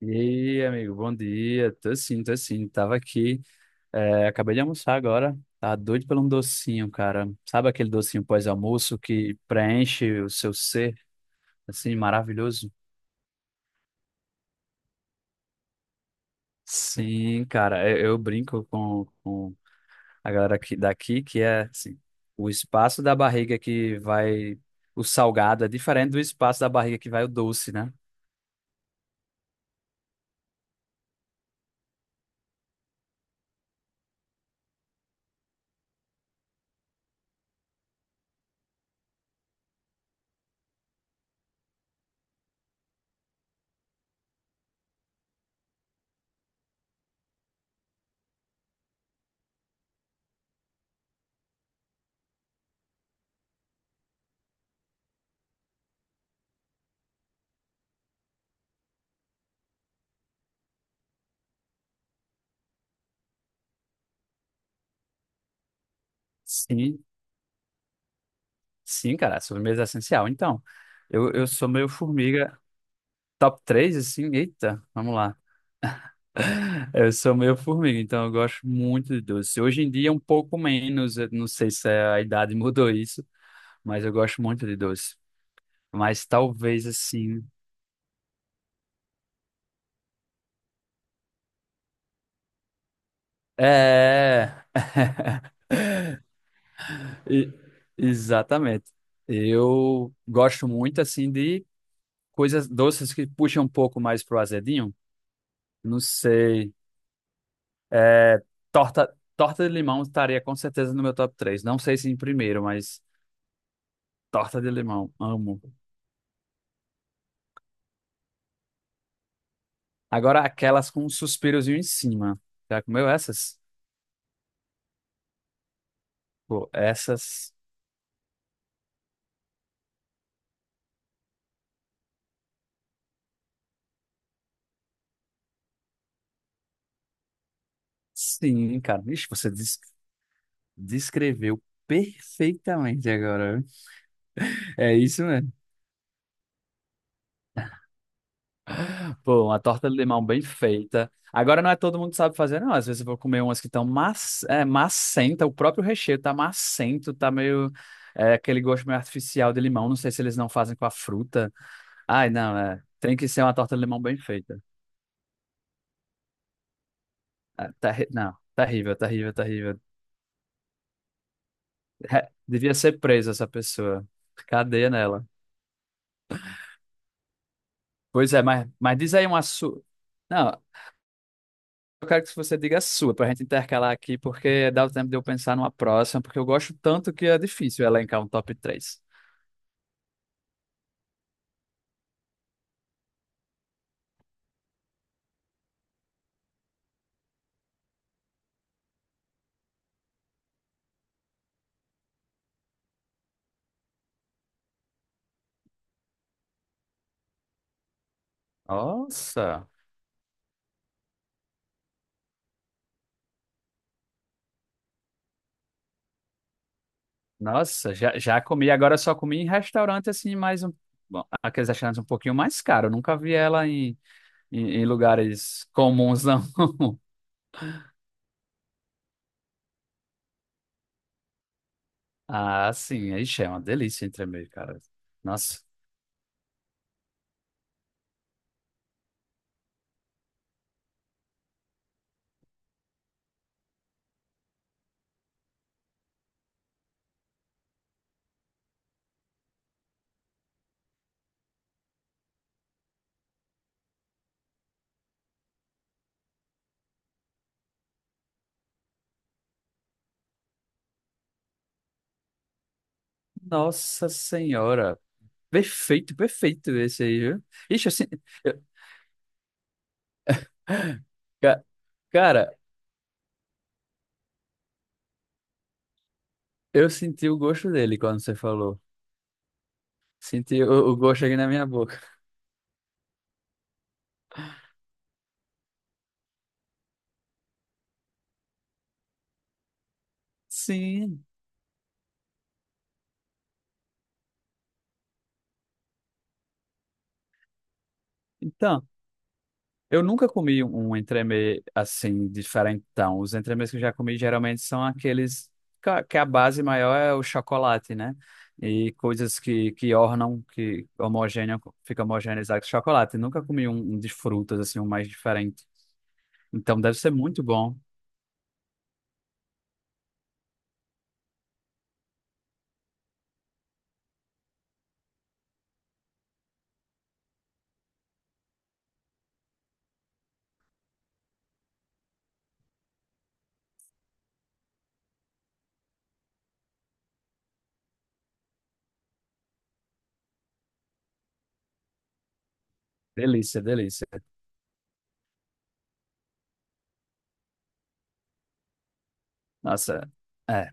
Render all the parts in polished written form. E aí, amigo, bom dia. Tô sim, tô sim. Tava aqui, é, acabei de almoçar agora. Tá doido por um docinho, cara. Sabe aquele docinho pós-almoço que preenche o seu ser, assim, maravilhoso? Sim, cara, eu brinco com a galera aqui, daqui, que é, assim, o espaço da barriga que vai o salgado é diferente do espaço da barriga que vai o doce, né? Sim, sim, cara, sobremesa é essencial. Então, eu sou meio formiga. Top 3 assim, eita, vamos lá. É, eu sou meio formiga, então eu gosto muito de doce. Hoje em dia é um pouco menos, eu não sei se é, a idade mudou isso, mas eu gosto muito de doce. Mas talvez assim. É. E- Exatamente. Eu gosto muito, assim, de coisas doces que puxam um pouco mais pro azedinho. Não sei. É, torta, torta de limão estaria com certeza no meu top três. Não sei se em primeiro, mas torta de limão, amo. Agora aquelas com um suspirozinho em cima. Já comeu essas? Pô, essas. Sim, cara. Ixi, você descreveu perfeitamente agora, viu? É isso mesmo. Pô, uma torta de limão bem feita. Agora não é todo mundo que sabe fazer, não. Às vezes eu vou comer umas que estão mac... É, macenta, o próprio recheio tá macento, tá meio. É, aquele gosto meio artificial de limão. Não sei se eles não fazem com a fruta. Ai, não, é. Tem que ser uma torta de limão bem feita. É, não, terrível, terrível, terrível. Devia ser presa essa pessoa. Cadeia nela. Pois é, mas diz aí uma sua. Não, eu quero que você diga a sua, pra gente intercalar aqui, porque dá o tempo de eu pensar numa próxima, porque eu gosto tanto que é difícil elencar um top três. Nossa, nossa, já, já comi. Agora eu só comi em restaurante, assim, mais um. Bom, aqueles restaurantes um pouquinho mais caros. Eu nunca vi ela em lugares comuns, não. Ah, sim, ixi, é uma delícia entremeio, cara. Nossa, nossa senhora. Perfeito, perfeito esse aí, viu? Ixi, eu senti... Ca- Cara, eu senti o gosto dele quando você falou. Senti o gosto aqui na minha boca. Sim. Então, eu nunca comi um entremê assim, diferentão. Os entremês que eu já comi geralmente são aqueles que a base maior é o chocolate, né? E coisas que ornam, que homogêneo, fica homogeneizado com chocolate. Nunca comi um de frutas, assim, um mais diferente. Então, deve ser muito bom. Delícia, delícia. Nossa, é.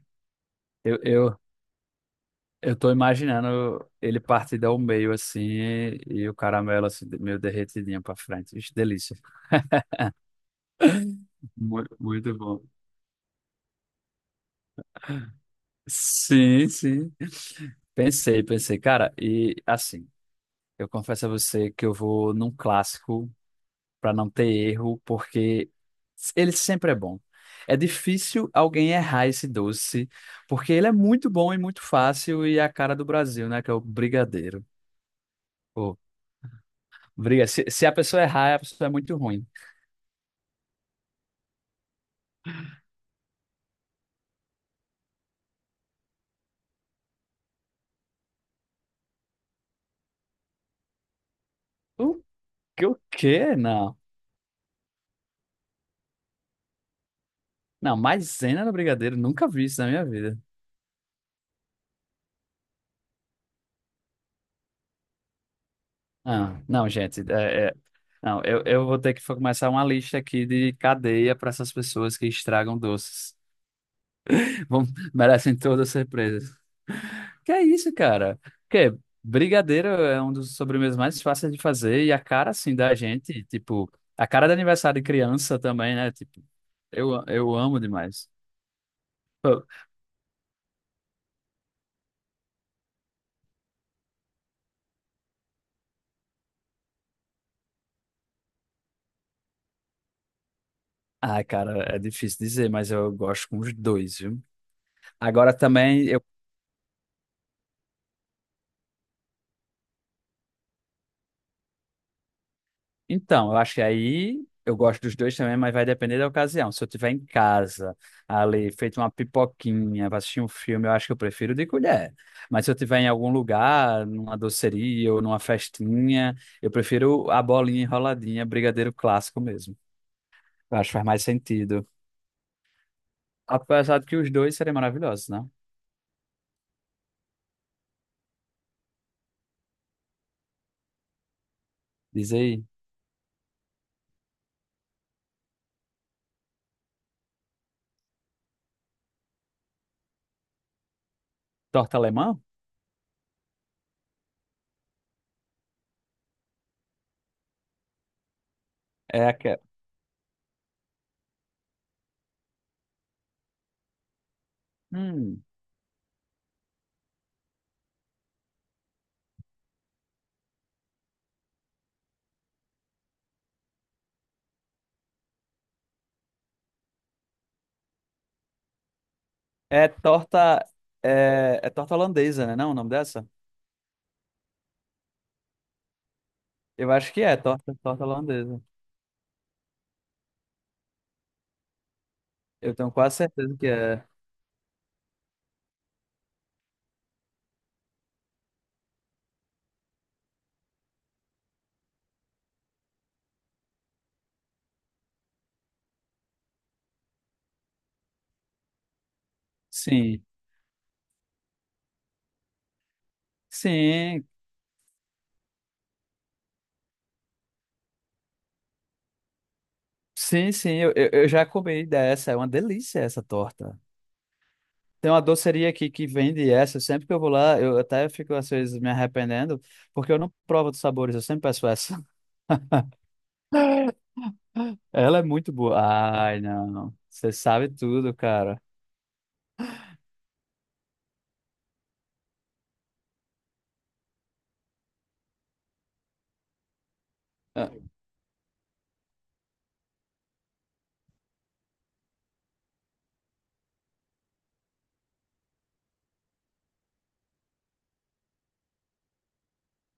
Eu, eu, eu tô imaginando ele partida ao meio assim e o caramelo assim, meio derretidinho pra frente. Ixi, delícia. Muito, muito bom. Sim, sim. Pensei, pensei. Cara, e assim, eu confesso a você que eu vou num clássico pra não ter erro, porque ele sempre é bom. É difícil alguém errar esse doce, porque ele é muito bom e muito fácil e é a cara do Brasil, né? Que é o brigadeiro. Briga. Se a pessoa errar, a pessoa é muito ruim. O que? O quê? Não. Não, maisena no brigadeiro, nunca vi isso na minha vida. Ah, não, gente. Não, eu vou ter que começar uma lista aqui de cadeia para essas pessoas que estragam doces. Vão, merecem todas as surpresas. Que é isso, cara? Que brigadeiro é um dos sobremesas mais fáceis de fazer e a cara, assim, da gente, tipo, a cara de aniversário de criança também, né? Tipo, eu amo demais. Ai, cara, é difícil dizer, mas eu gosto com os dois, viu? Agora também, eu... Então, eu acho que aí eu gosto dos dois também, mas vai depender da ocasião. Se eu estiver em casa, ali, feito uma pipoquinha pra assistir um filme, eu acho que eu prefiro de colher. Mas se eu estiver em algum lugar, numa doceria ou numa festinha, eu prefiro a bolinha enroladinha, brigadeiro clássico mesmo. Eu acho que faz mais sentido. Apesar de que os dois seriam maravilhosos, né? Diz aí, torta alemã? É aquela. Hum. É torta. É torta holandesa, né? Não, o nome dessa? Eu acho que é torta, torta holandesa. Eu tenho quase certeza que é. Sim. Sim, sim, sim. Eu já comi dessa. É uma delícia essa torta. Tem uma doceria aqui que vende essa. Sempre que eu vou lá, eu até fico às vezes me arrependendo, porque eu não provo dos sabores, eu sempre peço essa. Ela é muito boa. Ai, não. Você sabe tudo, cara.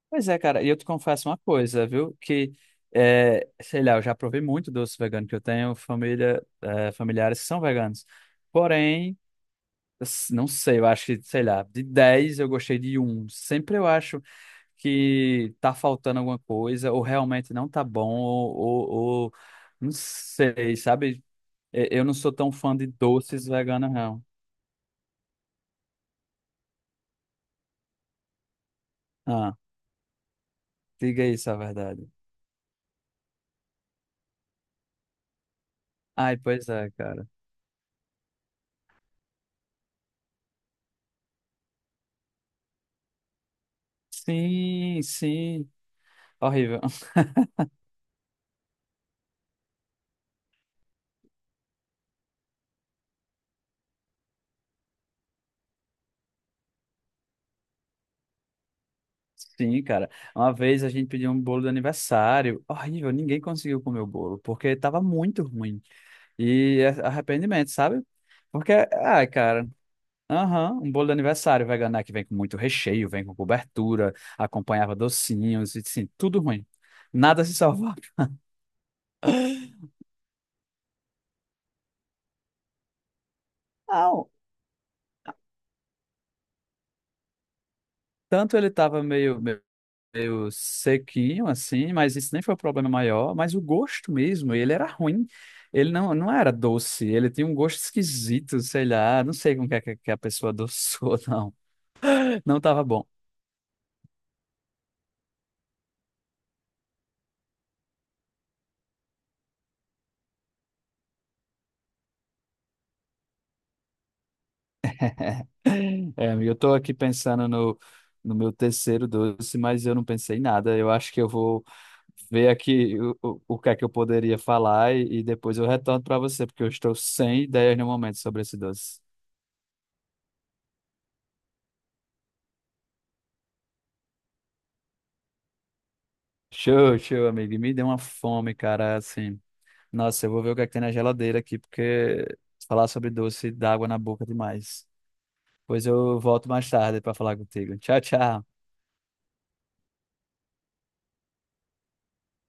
Pois é, cara, e eu te confesso uma coisa, viu? Que, é, sei lá, eu já provei muito doce vegano, que eu tenho família, é, familiares que são veganos. Porém, não sei, eu acho que, sei lá, de 10 eu gostei de um. Sempre eu acho que tá faltando alguma coisa, ou realmente não tá bom, ou, ou- não sei, sabe? Eu não sou tão fã de doces veganos, não. Ah, diga isso a verdade. Ai, pois é, cara. Sim, sim. Horrível. Sim, cara. Uma vez a gente pediu um bolo de aniversário. Horrível, ninguém conseguiu comer o bolo, porque tava muito ruim. E é arrependimento, sabe? Porque, ai, cara, aham, um bolo de aniversário vegano é que vem com muito recheio, vem com cobertura, acompanhava docinhos, e assim, tudo ruim. Nada se salvava. Não, tanto ele tava meio, meio sequinho, assim, mas isso nem foi o problema maior, mas o gosto mesmo, ele era ruim. Ele não, não era doce, ele tinha um gosto esquisito, sei lá, não sei como que, é que a pessoa adoçou, não. Não tava bom. É, amigo, eu tô aqui pensando no meu terceiro doce, mas eu não pensei em nada. Eu acho que eu vou ver aqui o que é que eu poderia falar e depois eu retorno para você, porque eu estou sem ideias no momento sobre esse doce. Show, show, amigo. E me deu uma fome, cara, assim. Nossa, eu vou ver o que é que tem na geladeira aqui, porque falar sobre doce dá água na boca demais. Pois eu volto mais tarde para falar contigo. Tchau, tchau.